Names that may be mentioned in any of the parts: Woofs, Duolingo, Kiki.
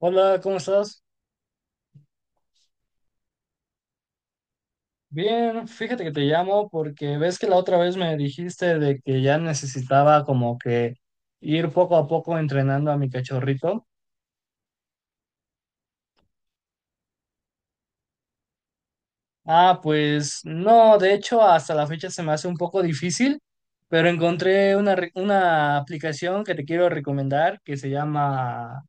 Hola, ¿cómo estás? Bien, fíjate que te llamo porque ves que la otra vez me dijiste de que ya necesitaba como que ir poco a poco entrenando a mi cachorrito. Ah, pues no, de hecho hasta la fecha se me hace un poco difícil, pero encontré una aplicación que te quiero recomendar que se llama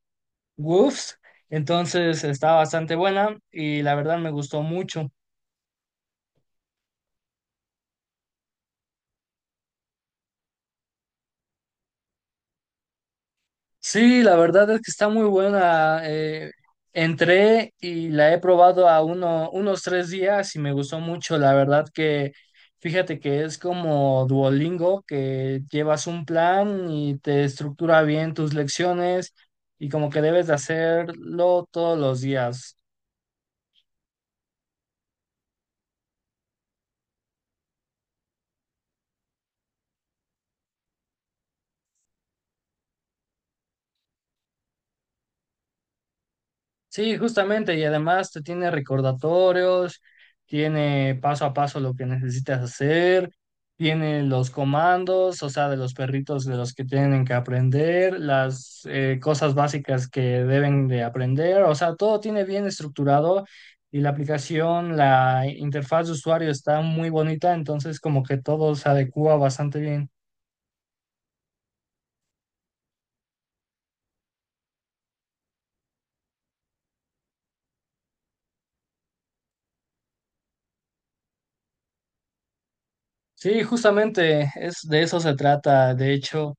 Woofs, entonces está bastante buena y la verdad me gustó mucho. Sí, la verdad es que está muy buena. Entré y la he probado unos 3 días y me gustó mucho. La verdad que fíjate que es como Duolingo, que llevas un plan y te estructura bien tus lecciones y como que debes de hacerlo todos los días. Sí, justamente, y además te tiene recordatorios, tiene paso a paso lo que necesitas hacer, tiene los comandos, o sea, de los perritos de los que tienen que aprender, las cosas básicas que deben de aprender, o sea, todo tiene bien estructurado y la aplicación, la interfaz de usuario está muy bonita, entonces como que todo se adecua bastante bien. Sí, justamente es de eso se trata, de hecho.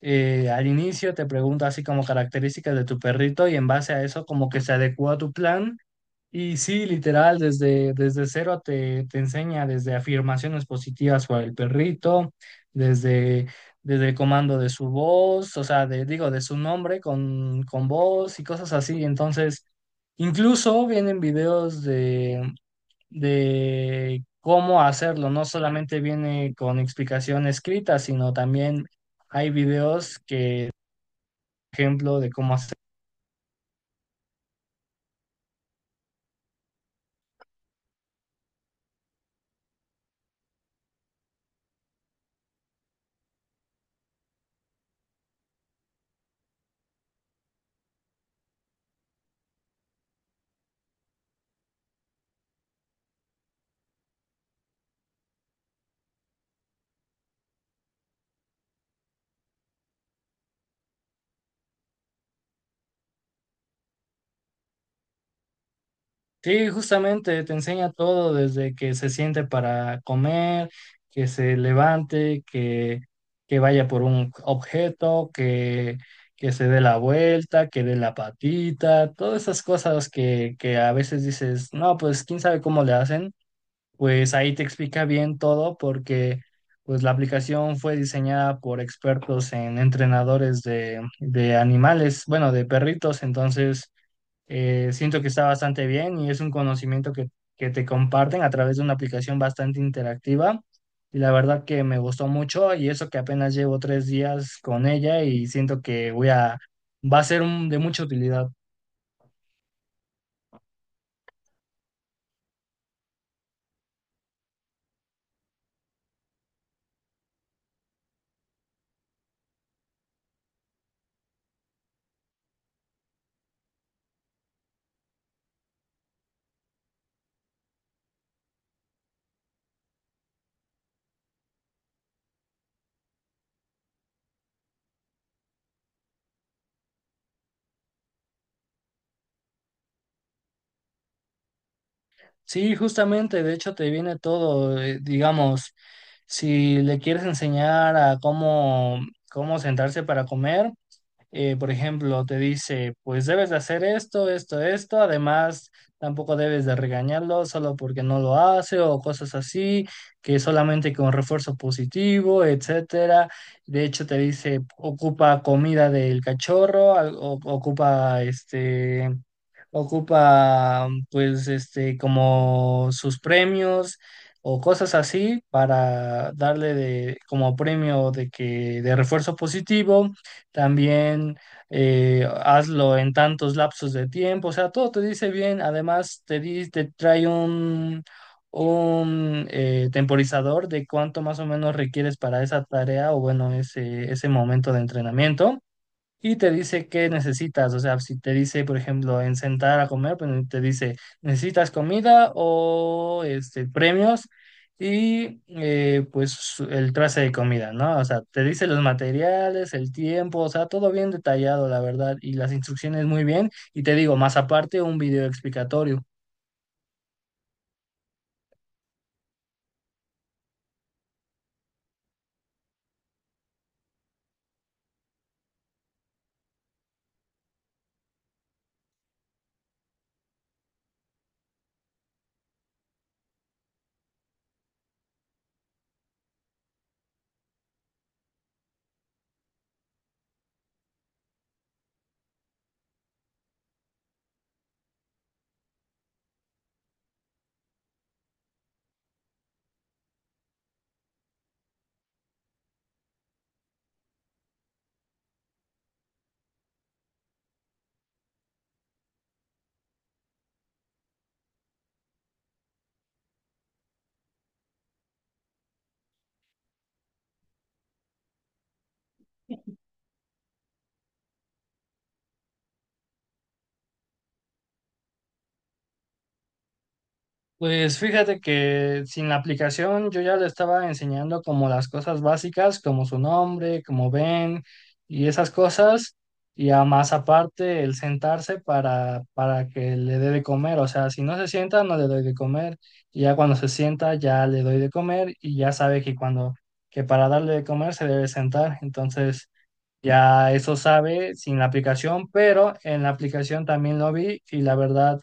Al inicio te pregunto así como características de tu perrito y en base a eso como que se adecuó a tu plan y sí, literal, desde cero te enseña desde afirmaciones positivas para el perrito, desde, desde el comando de su voz, o sea, digo, de su nombre con voz y cosas así. Entonces, incluso vienen videos de cómo hacerlo. No solamente viene con explicación escrita, sino también hay videos que, ejemplo, de cómo hacer. Sí, justamente te enseña todo desde que se siente para comer, que se levante, que vaya por un objeto, que se dé la vuelta, que dé la patita, todas esas cosas que a veces dices, no, pues quién sabe cómo le hacen pues ahí te explica bien todo porque pues la aplicación fue diseñada por expertos en entrenadores de animales, bueno, de perritos, entonces siento que está bastante bien y es un conocimiento que te comparten a través de una aplicación bastante interactiva y la verdad que me gustó mucho y eso que apenas llevo 3 días con ella y siento que va a ser de mucha utilidad. Sí, justamente, de hecho te viene todo, digamos, si le quieres enseñar a cómo sentarse para comer, por ejemplo, te dice, pues debes de hacer esto, esto, esto, además tampoco debes de regañarlo solo porque no lo hace o cosas así, que solamente con refuerzo positivo, etcétera. De hecho te dice, ocupa comida del cachorro, ocupa pues este como sus premios o cosas así para darle de como premio de que de refuerzo positivo, también hazlo en tantos lapsos de tiempo, o sea, todo te dice bien, además te trae un temporizador de cuánto más o menos requieres para esa tarea o bueno, ese momento de entrenamiento y te dice qué necesitas. O sea, si te dice, por ejemplo, en sentar a comer, pues te dice, ¿necesitas comida o este, premios? Y pues el trace de comida, ¿no? O sea, te dice los materiales, el tiempo, o sea, todo bien detallado, la verdad, y las instrucciones muy bien. Y te digo, más aparte, un video explicatorio. Pues fíjate que sin la aplicación yo ya le estaba enseñando como las cosas básicas, como su nombre, como ven y esas cosas, y a más aparte el sentarse para que le dé de comer, o sea, si no se sienta no le doy de comer, y ya cuando se sienta ya le doy de comer y ya sabe que cuando, que para darle de comer se debe sentar, entonces... Ya eso sabe sin la aplicación, pero en la aplicación también lo vi y la verdad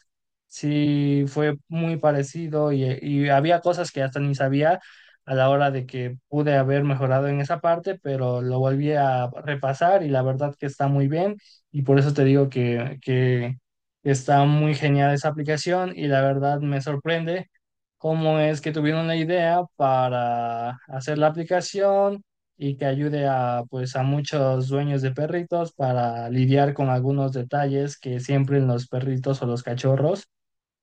sí fue muy parecido y había cosas que hasta ni sabía a la hora de que pude haber mejorado en esa parte, pero lo volví a repasar y la verdad que está muy bien y por eso te digo que está muy genial esa aplicación y la verdad me sorprende cómo es que tuvieron la idea para hacer la aplicación y que ayude a, pues, a muchos dueños de perritos para lidiar con algunos detalles que siempre los perritos o los cachorros,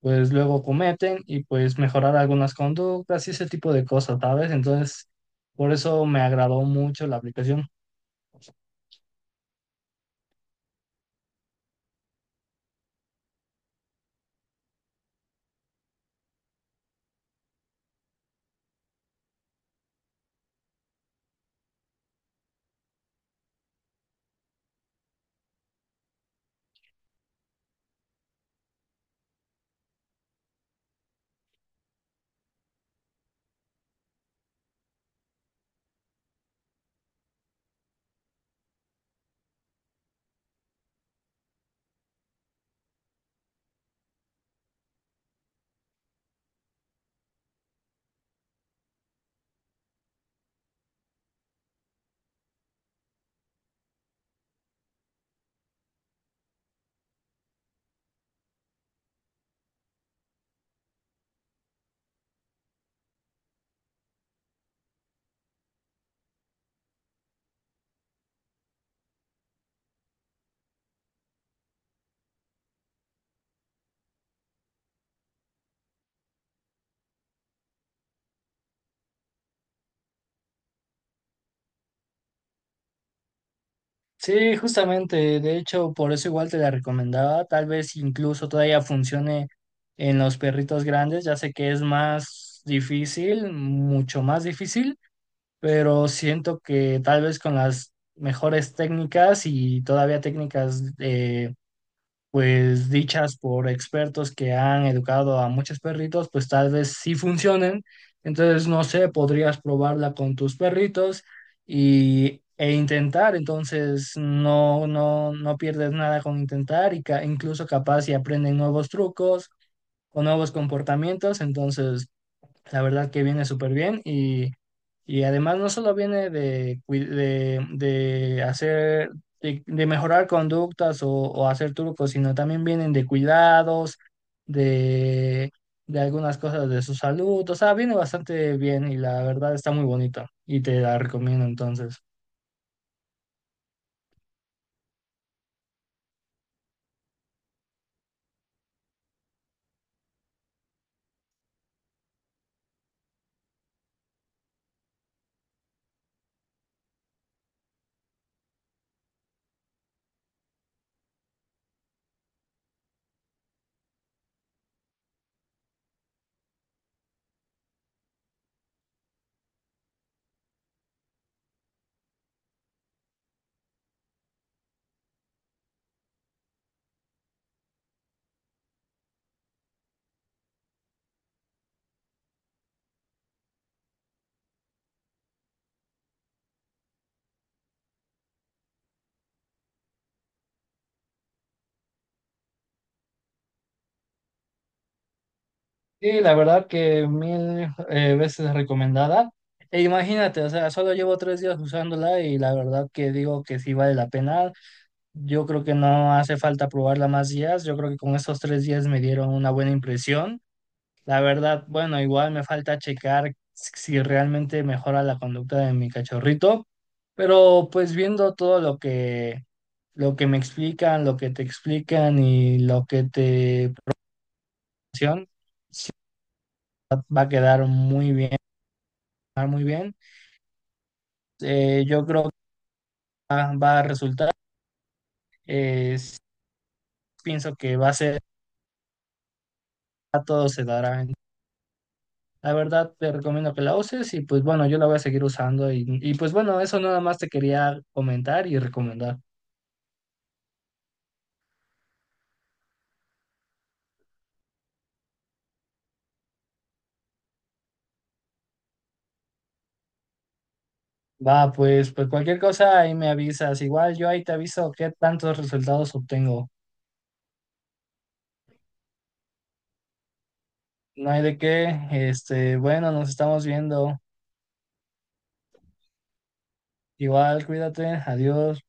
pues luego cometen y pues mejorar algunas conductas y ese tipo de cosas, ¿sabes? Entonces, por eso me agradó mucho la aplicación. Sí, justamente, de hecho, por eso igual te la recomendaba, tal vez incluso todavía funcione en los perritos grandes, ya sé que es más difícil, mucho más difícil, pero siento que tal vez con las mejores técnicas y todavía técnicas pues dichas por expertos que han educado a muchos perritos, pues tal vez sí funcionen. Entonces, no sé, podrías probarla con tus perritos e intentar. Entonces, no, no, no pierdes nada con intentar y incluso capaz si aprenden nuevos trucos o nuevos comportamientos. Entonces, la verdad que viene súper bien y además no solo viene de hacer, de mejorar conductas o hacer trucos, sino también vienen de cuidados, de, de algunas cosas de su salud. O sea, viene bastante bien y la verdad está muy bonita y te la recomiendo entonces. Sí, la verdad que mil veces recomendada. E imagínate, o sea, solo llevo 3 días usándola y la verdad que digo que sí vale la pena. Yo creo que no hace falta probarla más días. Yo creo que con estos 3 días me dieron una buena impresión. La verdad, bueno, igual me falta checar si realmente mejora la conducta de mi cachorrito, pero pues viendo todo lo que me explican, lo que te explican y lo que te presionan, va a quedar muy bien, va a quedar muy bien. Yo creo que va a resultar. Sí, pienso que a todo se dará. La verdad, te recomiendo que la uses y pues bueno, yo la voy a seguir usando y, pues bueno, eso nada más te quería comentar y recomendar. Va, pues cualquier cosa ahí me avisas. Igual yo ahí te aviso qué tantos resultados obtengo. No hay de qué. Este, bueno, nos estamos viendo. Igual, cuídate. Adiós.